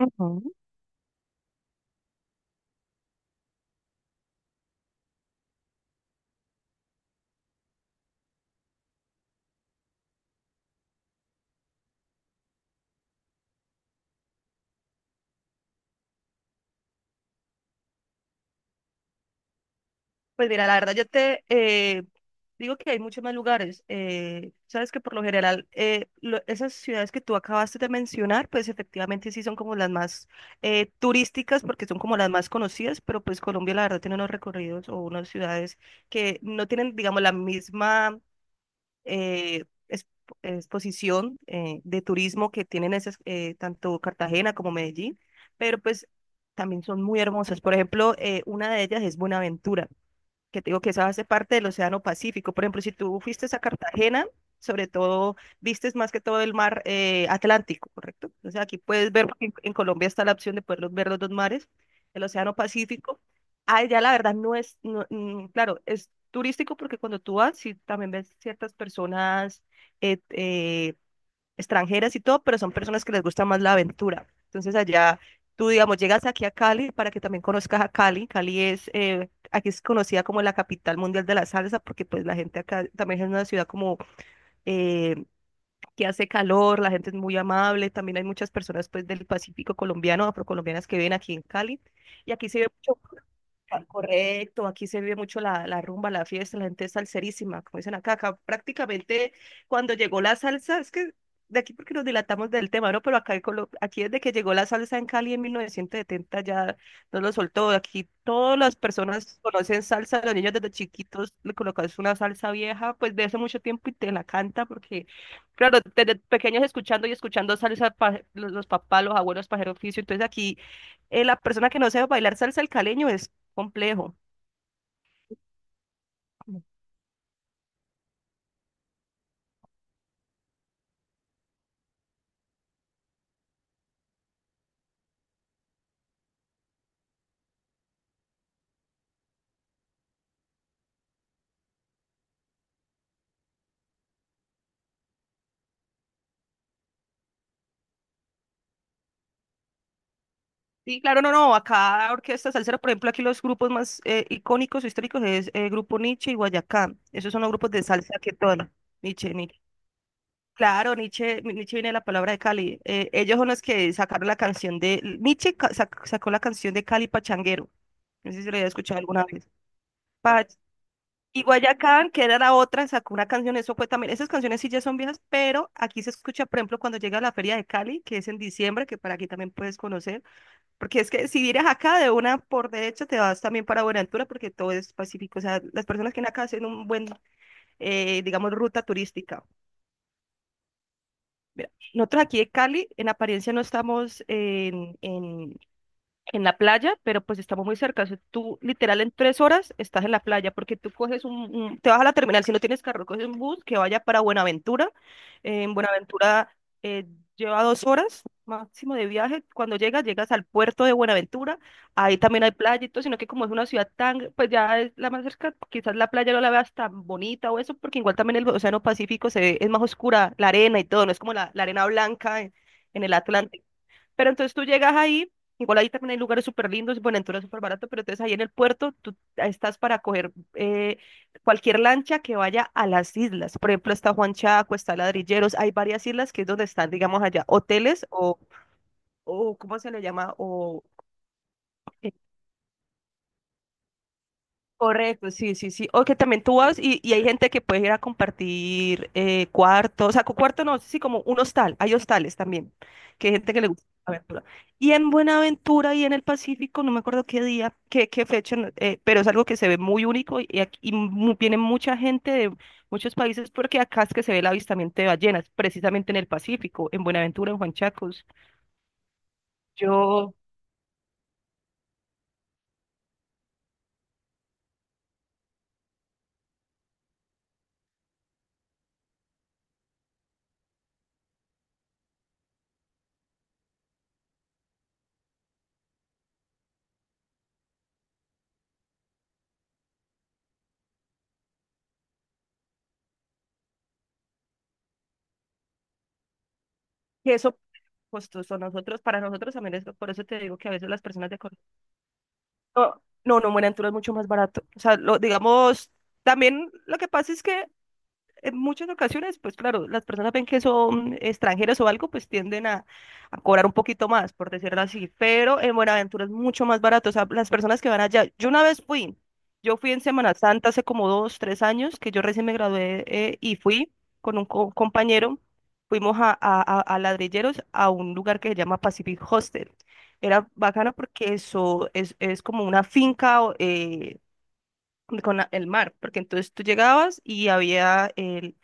Ujú. Pues mira, la verdad yo te digo que hay muchos más lugares. Sabes que por lo general esas ciudades que tú acabaste de mencionar, pues efectivamente sí son como las más turísticas porque son como las más conocidas, pero pues Colombia la verdad tiene unos recorridos o unas ciudades que no tienen, digamos, la misma eh, es- exposición de turismo que tienen esas, tanto Cartagena como Medellín, pero pues también son muy hermosas. Por ejemplo, una de ellas es Buenaventura, que te digo que esa hace parte del Océano Pacífico. Por ejemplo, si tú fuiste a Cartagena, sobre todo, vistes más que todo el mar Atlántico, ¿correcto? Entonces aquí puedes ver, porque en Colombia está la opción de poder ver los dos mares, el Océano Pacífico. Ah, ya la verdad no es, mm, claro, es turístico porque cuando tú vas, sí, también ves ciertas personas eh, eh, extranjeras y todo, pero son personas que les gusta más la aventura. Entonces allá tú, digamos, llegas aquí a Cali para que también conozcas a Cali. Cali es, aquí es conocida como la capital mundial de la salsa porque pues la gente acá también es una ciudad como eh, que hace calor, la gente es muy amable, también hay muchas personas pues del Pacífico colombiano, afrocolombianas que viven aquí en Cali. Y aquí se ve mucho. Ah, correcto, aquí se vive mucho la rumba, la fiesta, la gente es salserísima, como dicen acá. Acá prácticamente cuando llegó la salsa, es que de aquí porque nos dilatamos del tema, ¿no? Pero acá en aquí desde que llegó la salsa en Cali en 1970 ya no lo soltó, aquí todas las personas conocen salsa, los niños desde chiquitos le colocas una salsa vieja, pues de hace mucho tiempo y te la canta porque, claro, desde pequeños escuchando y escuchando salsa, los papás, los abuelos, pajeros oficio, entonces aquí la persona que no sabe bailar salsa al caleño es complejo. Sí, claro, no, no, acá orquesta salsera, por ejemplo, aquí los grupos más icónicos o históricos es Grupo Nietzsche y Guayacán. Esos son los grupos de salsa que tocan. Nietzsche, Nietzsche. Claro, Nietzsche, Nietzsche viene de la palabra de Cali. Ellos son los que sacaron la canción de. Nietzsche sacó la canción de Cali Pachanguero. No sé si lo había escuchado alguna vez. Y Guayacán, que era la otra, sacó una canción, eso fue también, esas canciones sí ya son viejas, pero aquí se escucha, por ejemplo, cuando llega a la Feria de Cali, que es en diciembre, que para aquí también puedes conocer, porque es que si vienes acá de una por derecha, te vas también para Buenaventura, porque todo es pacífico, o sea, las personas que vienen acá hacen un buen, digamos, ruta turística. Mira, nosotros aquí de Cali, en apariencia no estamos en la playa, pero pues estamos muy cerca. O sea, tú literal en 3 horas estás en la playa porque tú coges te vas a la terminal, si no tienes carro, coges un bus que vaya para Buenaventura. En Buenaventura eh, lleva 2 horas máximo de viaje. Cuando llegas, llegas al puerto de Buenaventura. Ahí también hay playa y todo, sino que como es una ciudad tan, pues ya es la más cerca, quizás la playa no la veas tan bonita o eso, porque igual también el Océano Pacífico es más oscura, la arena y todo, no es como la arena blanca en el Atlántico. Pero entonces tú llegas ahí, igual ahí también hay lugares súper lindos, y Buenaventura es súper barato, pero entonces ahí en el puerto tú estás para coger cualquier lancha que vaya a las islas. Por ejemplo, está Juan Chaco, está Ladrilleros, hay varias islas que es donde están, digamos, allá hoteles, o ¿cómo se le llama? O correcto, sí, sí, sí. O que también tú vas y hay gente que puede ir a compartir cuarto, o sea, cuarto no, sí, como un hostal. Hay hostales también, que hay gente que le gusta la aventura. Y en Buenaventura y en el Pacífico, no me acuerdo qué día, qué fecha, pero es algo que se ve muy único y aquí y viene mucha gente de muchos países porque acá es que se ve el avistamiento de ballenas, precisamente en el Pacífico, en Buenaventura, en Juan Chacos. Yo, que eso costoso, nosotros, para nosotros también es, por eso te digo que a veces las personas de Colombia. No, no, no, Buenaventura es mucho más barato. O sea, lo, digamos, también lo que pasa es que en muchas ocasiones, pues claro, las personas ven que son extranjeros o algo, pues tienden a, cobrar un poquito más, por decirlo así, pero en Buenaventura es mucho más barato, o sea, las personas que van allá, yo una vez fui, yo fui en Semana Santa hace como dos, tres años, que yo recién me gradué y fui con un compañero, fuimos a Ladrilleros, a un lugar que se llama Pacific Hostel. Era bacano porque eso es como una finca o, con el mar, porque entonces tú llegabas y había el.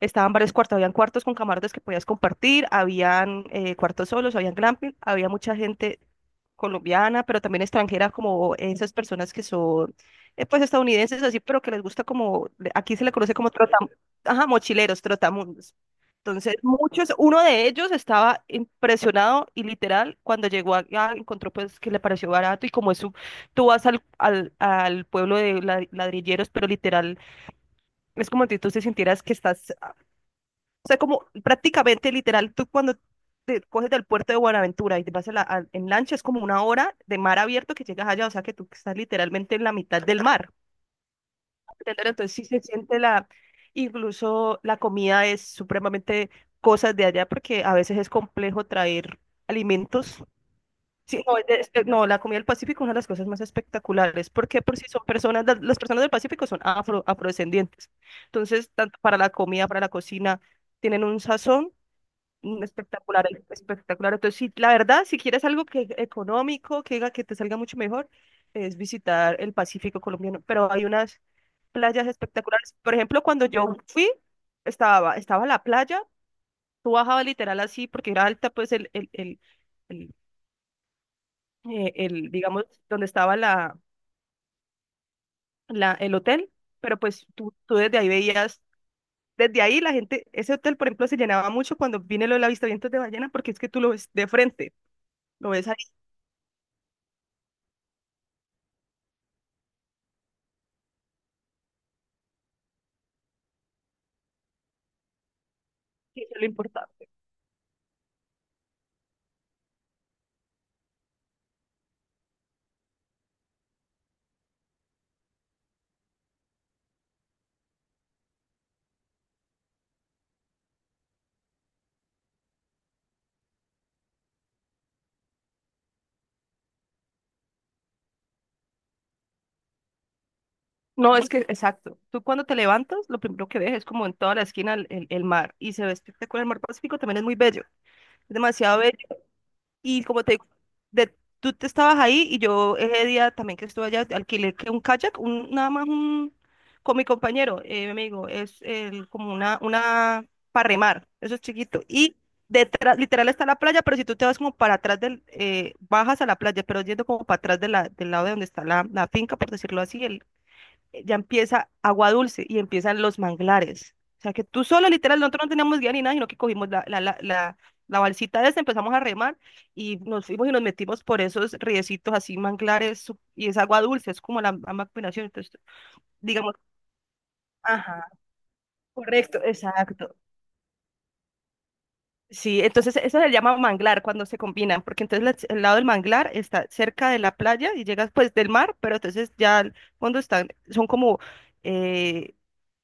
Estaban varios cuartos, habían cuartos con camarotes que podías compartir, habían cuartos solos, habían glamping, había mucha gente colombiana, pero también extranjera, como esas personas que son, pues, estadounidenses, así, pero que les gusta como, aquí se le conoce como trotam, ajá, mochileros, trotamundos. Entonces, muchos, uno de ellos estaba impresionado y literal, cuando llegó acá, encontró pues que le pareció barato y como es su, tú vas al pueblo de Ladrilleros, pero literal, es como si tú te sintieras que estás, o sea, como prácticamente literal, tú cuando te coges del puerto de Buenaventura y te vas a en lancha, es como 1 hora de mar abierto que llegas allá, o sea que tú estás literalmente en la mitad del mar. ¿Entender? Entonces sí se siente la, incluso la comida es supremamente cosas de allá porque a veces es complejo traer alimentos. Sí, no, es no, la comida del Pacífico es una de las cosas más espectaculares porque por si son personas, las personas del Pacífico son afro, afrodescendientes. Entonces, tanto para la comida, para la cocina, tienen un sazón espectacular, espectacular. Entonces, sí, la verdad, si quieres algo que económico, que, haga que te salga mucho mejor, es visitar el Pacífico colombiano. Pero hay unas playas espectaculares. Por ejemplo, cuando yo fui, estaba la playa, tú bajabas literal así, porque era alta, pues el, el, el, el, eh, el, digamos, donde estaba la, el hotel, pero pues tú desde ahí veías, desde ahí la gente, ese hotel, por ejemplo, se llenaba mucho cuando viene lo del avistamiento de ballenas, porque es que tú lo ves de frente, lo ves ahí. Sí, eso es lo importante. No, es que, exacto. Tú cuando te levantas, lo primero que ves es como en toda la esquina el mar. Y se ve espectacular. El mar Pacífico también es muy bello. Es demasiado bello. Y como te digo, de- tú te estabas ahí y yo ese día también que estuve allá, alquilé que un kayak, un, nada más un, con mi compañero, mi amigo, es el, como una, para remar. Eso es chiquito. Y detrás, literal está la playa, pero si tú te vas como para atrás del, bajas a la playa, pero yendo como para atrás de la, del lado de donde está la finca, por decirlo así, el ya empieza agua dulce y empiezan los manglares. O sea que tú solo, literal, nosotros no teníamos guía ni nada, sino que cogimos la balsita esa, empezamos a remar y nos fuimos y nos metimos por esos riecitos así, manglares, y es agua dulce, es como la misma combinación. Entonces, digamos, ajá, correcto, exacto. Sí, entonces eso se llama manglar cuando se combinan, porque entonces el lado del manglar está cerca de la playa y llegas pues del mar, pero entonces ya cuando están, son como, eh,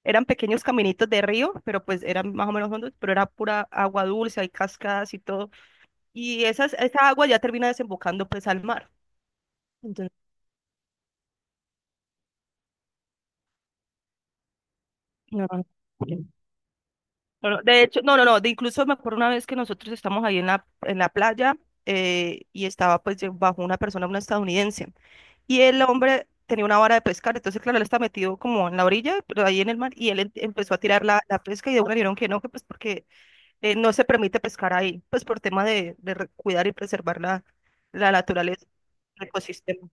eran pequeños caminitos de río, pero pues eran más o menos hondos, pero era pura agua dulce, hay cascadas y todo. Y esas, esa agua ya termina desembocando pues al mar. Entonces, no, no, no, de hecho, no, no, no, de incluso me acuerdo una vez que nosotros estamos ahí en la playa y estaba pues bajo una persona, una estadounidense. Y el hombre tenía una vara de pescar, entonces claro, él está metido como en la orilla, pero ahí en el mar, y él empezó a tirar la pesca y de una le dijeron que no, que pues porque no se permite pescar ahí, pues por tema de, cuidar y preservar la, la naturaleza, el ecosistema.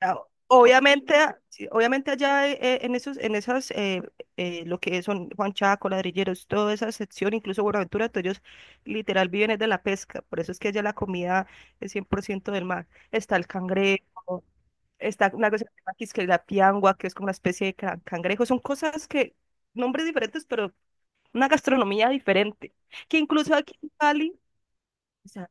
Ah, Obviamente, sí, obviamente allá en esos, lo que son Juan Chaco, Ladrilleros, toda esa sección, incluso Buenaventura, todos ellos literal viven es de la pesca, por eso es que allá la comida es 100% del mar. Está el cangrejo, está una cosa que se llama quisque la piangua, que es como una especie de cangrejo, son cosas que, nombres diferentes, pero una gastronomía diferente, que incluso aquí en Cali, o sea,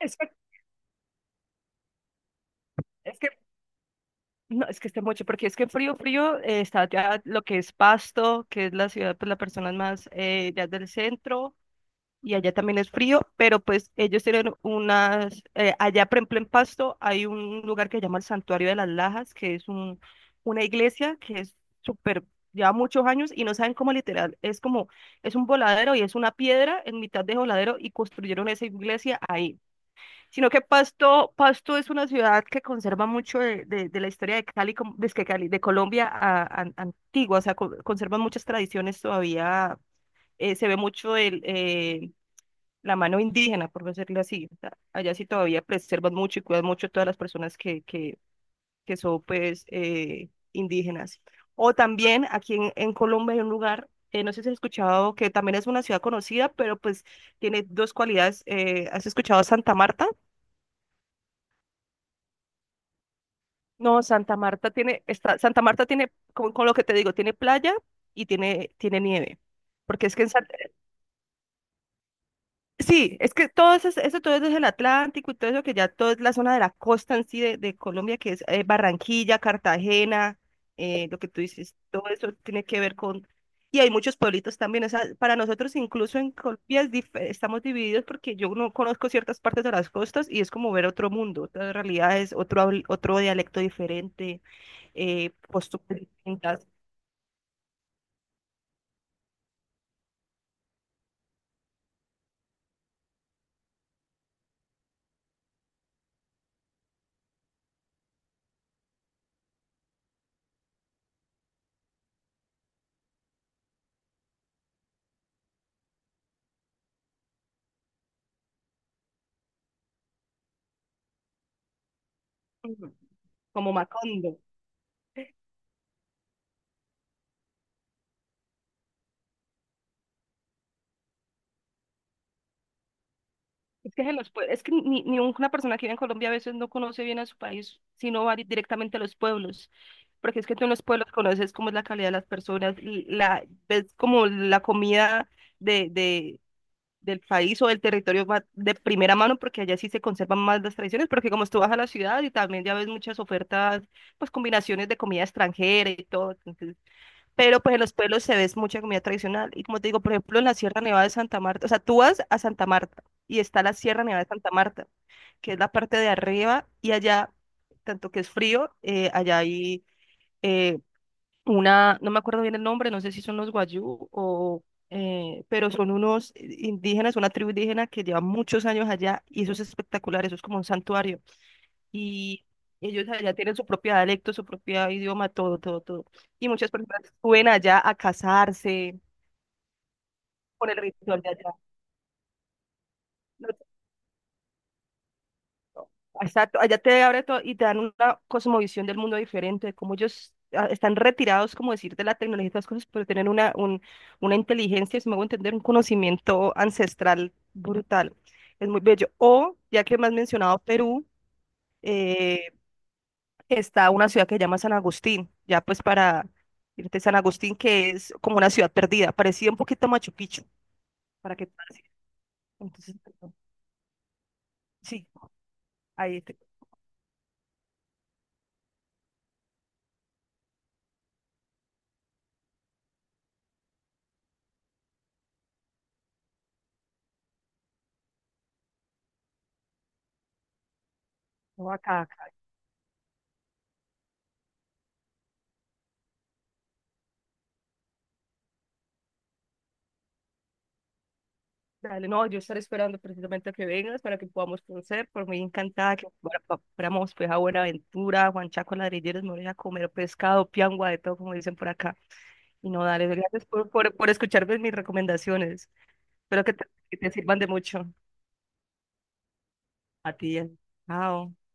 es que, es que, no, es que esté mucho, porque es que frío, frío, está ya lo que es Pasto, que es la ciudad, pues la persona más ya del centro, y allá también es frío, pero pues ellos tienen unas, allá por ejemplo en Pasto hay un lugar que se llama el Santuario de las Lajas, que es un, una iglesia que es súper, lleva muchos años y no saben cómo literal, es como, es un voladero y es una piedra en mitad de voladero y construyeron esa iglesia ahí. Sino que Pasto es una ciudad que conserva mucho de, de la historia de Cali, como- de, que Cali, de Colombia antigua, o sea, conservan muchas tradiciones todavía, se ve mucho el, la mano indígena, por decirlo así, o sea, allá sí todavía preservan mucho y cuidan mucho todas las personas que son pues indígenas. O también aquí en Colombia hay un lugar, no sé si has escuchado, que también es una ciudad conocida, pero pues tiene dos cualidades, ¿has escuchado Santa Marta? No, Santa Marta tiene, con lo que te digo, tiene playa y tiene, tiene nieve. Porque es que en sí, es que todo eso, todo eso es el Atlántico y todo eso que ya todo es la zona de la costa en sí de Colombia, que es Barranquilla, Cartagena, lo que tú dices, todo eso tiene que ver con... Y hay muchos pueblitos también, o sea, para nosotros incluso en Colombia es estamos divididos porque yo no conozco ciertas partes de las costas y es como ver otro mundo, otra realidad es otro, otro dialecto diferente posturas distintas, ujú, como Macondo. Es que, es que ni una persona que vive en Colombia a veces no conoce bien a su país, sino va directamente a los pueblos, porque es que tú en los pueblos conoces cómo es la calidad de las personas, l- la, ves como la comida de, de, del país o del territorio va de primera mano, porque allá sí se conservan más las tradiciones, porque como tú vas a la ciudad y también ya ves muchas ofertas, pues combinaciones de comida extranjera y todo, pero pues en los pueblos se ve mucha comida tradicional. Y como te digo, por ejemplo, en la Sierra Nevada de Santa Marta, o sea, tú vas a Santa Marta y está la Sierra Nevada de Santa Marta, que es la parte de arriba y allá, tanto que es frío, allá hay eh, una, no me acuerdo bien el nombre, no sé si son los Guayú o, pero son unos indígenas, una tribu indígena que lleva muchos años allá y eso es espectacular, eso es como un santuario y ellos allá tienen su propio dialecto, su propio idioma, todo, todo, todo. Y muchas personas suben allá a casarse por el ritual de allá. No, no, exacto, allá te abre todo y te dan una cosmovisión del mundo diferente, de cómo ellos ah, están retirados, como decir, de la tecnología y todas las cosas, pero tienen una, un, una inteligencia, si me hago entender, un conocimiento ancestral brutal. Es muy bello. O, ya que me has mencionado Perú, eh, está una ciudad que se llama San Agustín, ya pues para irte a San Agustín, que es como una ciudad perdida, parecía un poquito a Machu Picchu, para que entonces, bueno, sí, ahí te no, acá, acá. Dale, no, yo estaré esperando precisamente a que vengas para que podamos conocer, por muy encantada que fuéramos pues a Buenaventura, a Juan Chaco, Ladrilleros, me voy a comer pescado, piangua, de todo, como dicen por acá. Y no, dale, gracias por escucharme mis recomendaciones. Espero que te sirvan de mucho a ti. Eh. Chao.